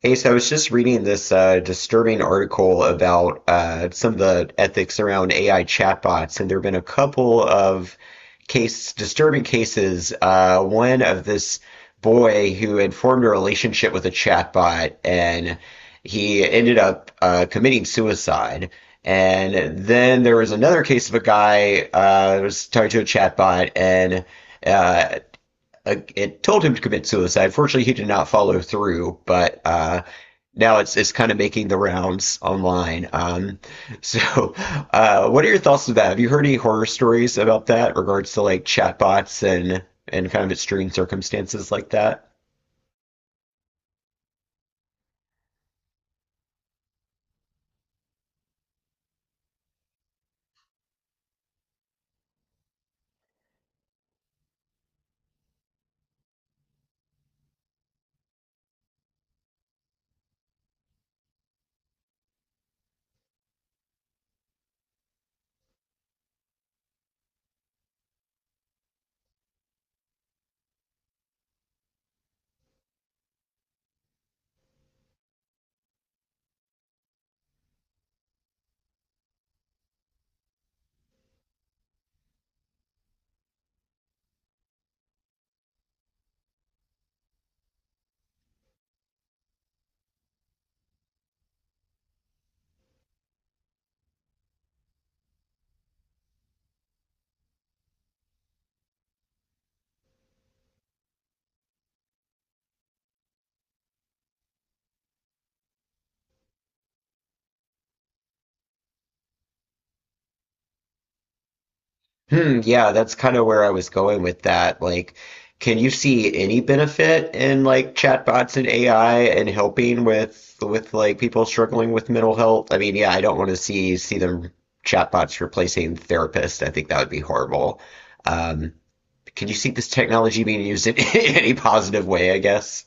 Hey, so I was just reading this disturbing article about some of the ethics around AI chatbots, and there have been a couple of case disturbing cases. One of this boy who had formed a relationship with a chatbot, and he ended up committing suicide. And then there was another case of a guy was talking to a chatbot, and uh, it told him to commit suicide. Fortunately, he did not follow through, but now it's kind of making the rounds online. So, what are your thoughts on that? Have you heard any horror stories about that, regards to like chatbots and kind of extreme circumstances like that? Hmm, yeah, that's kind of where I was going with that. Like, can you see any benefit in like chatbots and AI and helping with like people struggling with mental health? I mean, yeah, I don't want to see them chatbots replacing therapists. I think that would be horrible. Um, can you see this technology being used in any positive way, I guess?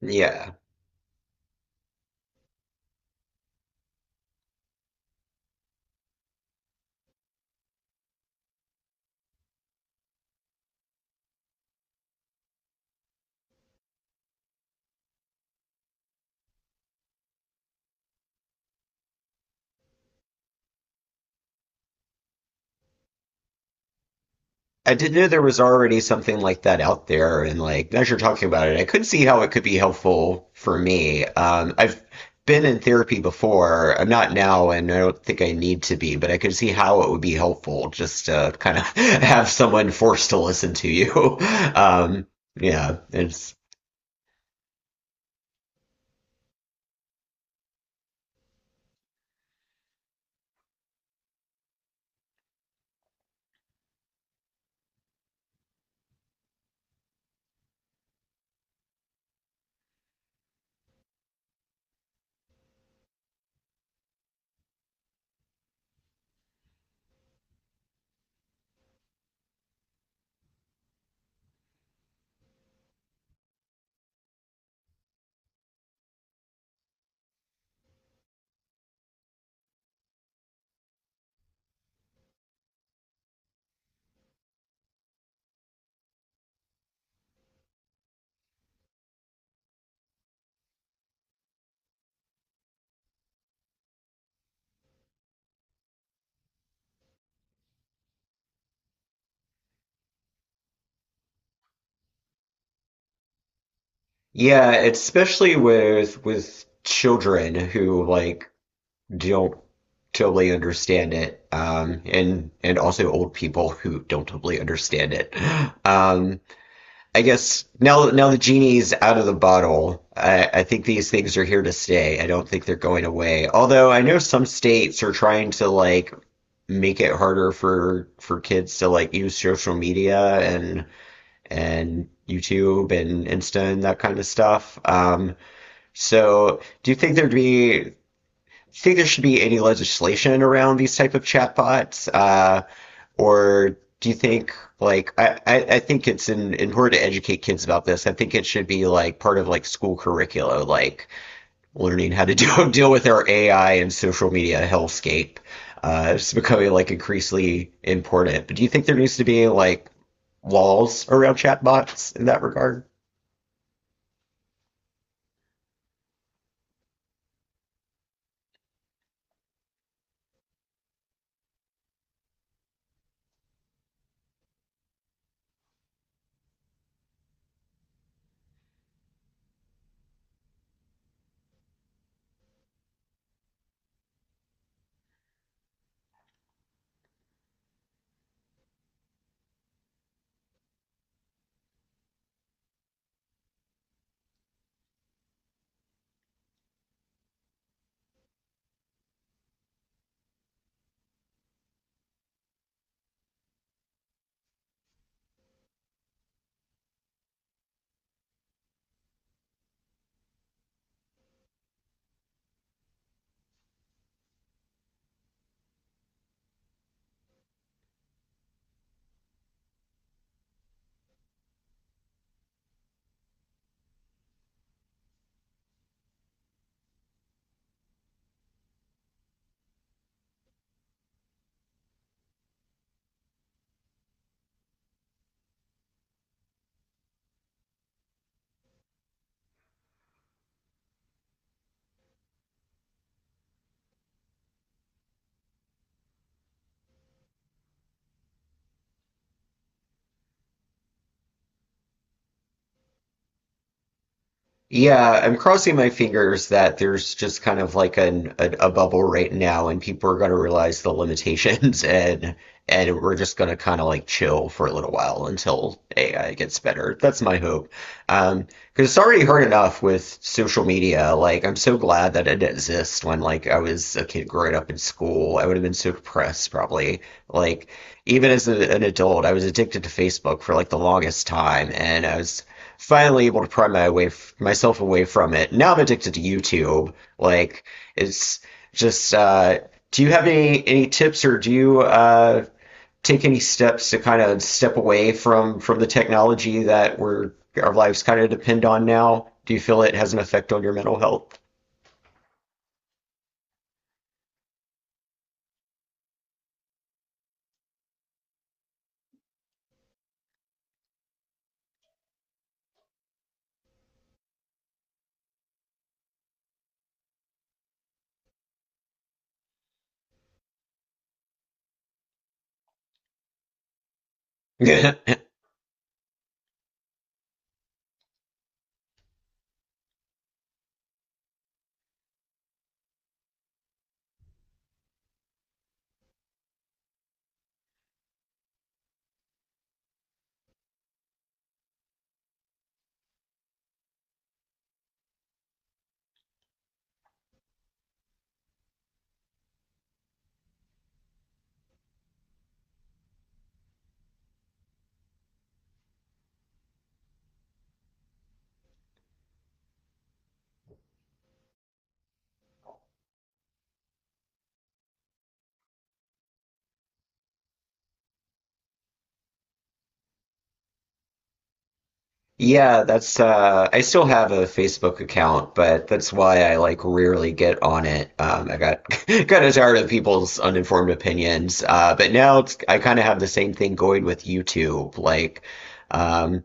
Yeah. I didn't know there was already something like that out there, and like as you're talking about it, I could see how it could be helpful for me. I've been in therapy before. I'm not now, and I don't think I need to be, but I could see how it would be helpful just to kind of have someone forced to listen to you. Um, yeah, it's yeah, especially with children who like don't totally understand it, and also old people who don't totally understand it. Um, I guess now the genie's out of the bottle. I think these things are here to stay. I don't think they're going away. Although I know some states are trying to like make it harder for kids to like use social media and YouTube and Insta and that kind of stuff. So do you think there'd be think there should be any legislation around these type of chatbots, or do you think like think it's in order to educate kids about this, I think it should be like part of like school curricula, like learning how to deal with our AI and social media hellscape. It's becoming like increasingly important. But do you think there needs to be like laws around chatbots in that regard? Yeah, I'm crossing my fingers that there's just kind of like a bubble right now, and people are going to realize the limitations, and we're just going to kind of like chill for a little while until AI gets better. That's my hope. Um, because it's already hard enough with social media. Like, I'm so glad that it exists. When like I was a kid growing up in school, I would have been so depressed probably. Like, even as an adult, I was addicted to Facebook for like the longest time, and I was finally able to pry my way myself away from it. Now I'm addicted to YouTube. Like it's just. Do you have any tips, or do you take any steps to kind of step away from the technology that we're our lives kind of depend on now? Do you feel it has an effect on your mental health? Yeah, that's I still have a Facebook account, but that's why I like rarely get on it. I got kind of tired of people's uninformed opinions. But now it's I kind of have the same thing going with YouTube. Like um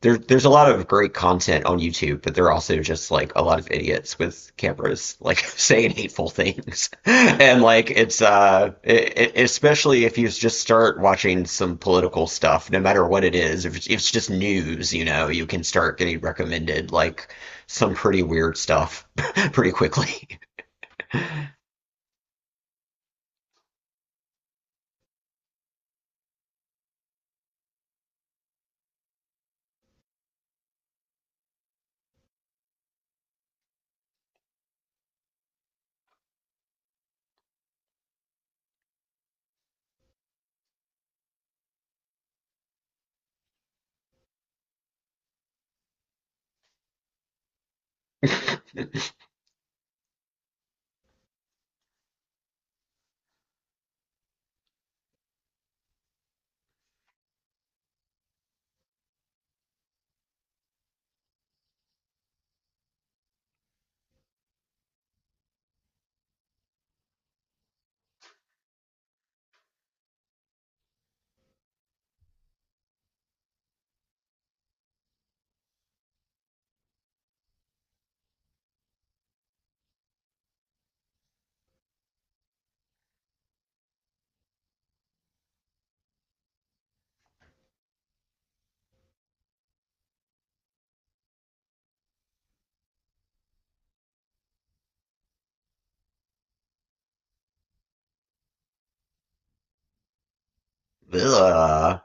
there's a lot of great content on YouTube, but there are also just like a lot of idiots with cameras, like saying hateful things, and like it's especially if you just start watching some political stuff, no matter what it is, if it's just news, you know, you can start getting recommended like some pretty weird stuff pretty quickly. Ugh.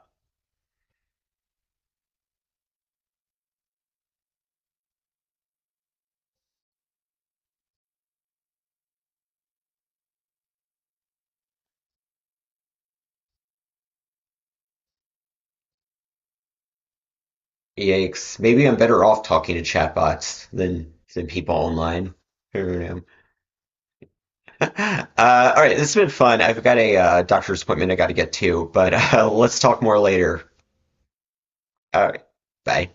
Yikes! Maybe I'm better off talking to chatbots than people online. I don't know. All right, this has been fun. I've got a doctor's appointment I got to get to, but let's talk more later. All right, bye.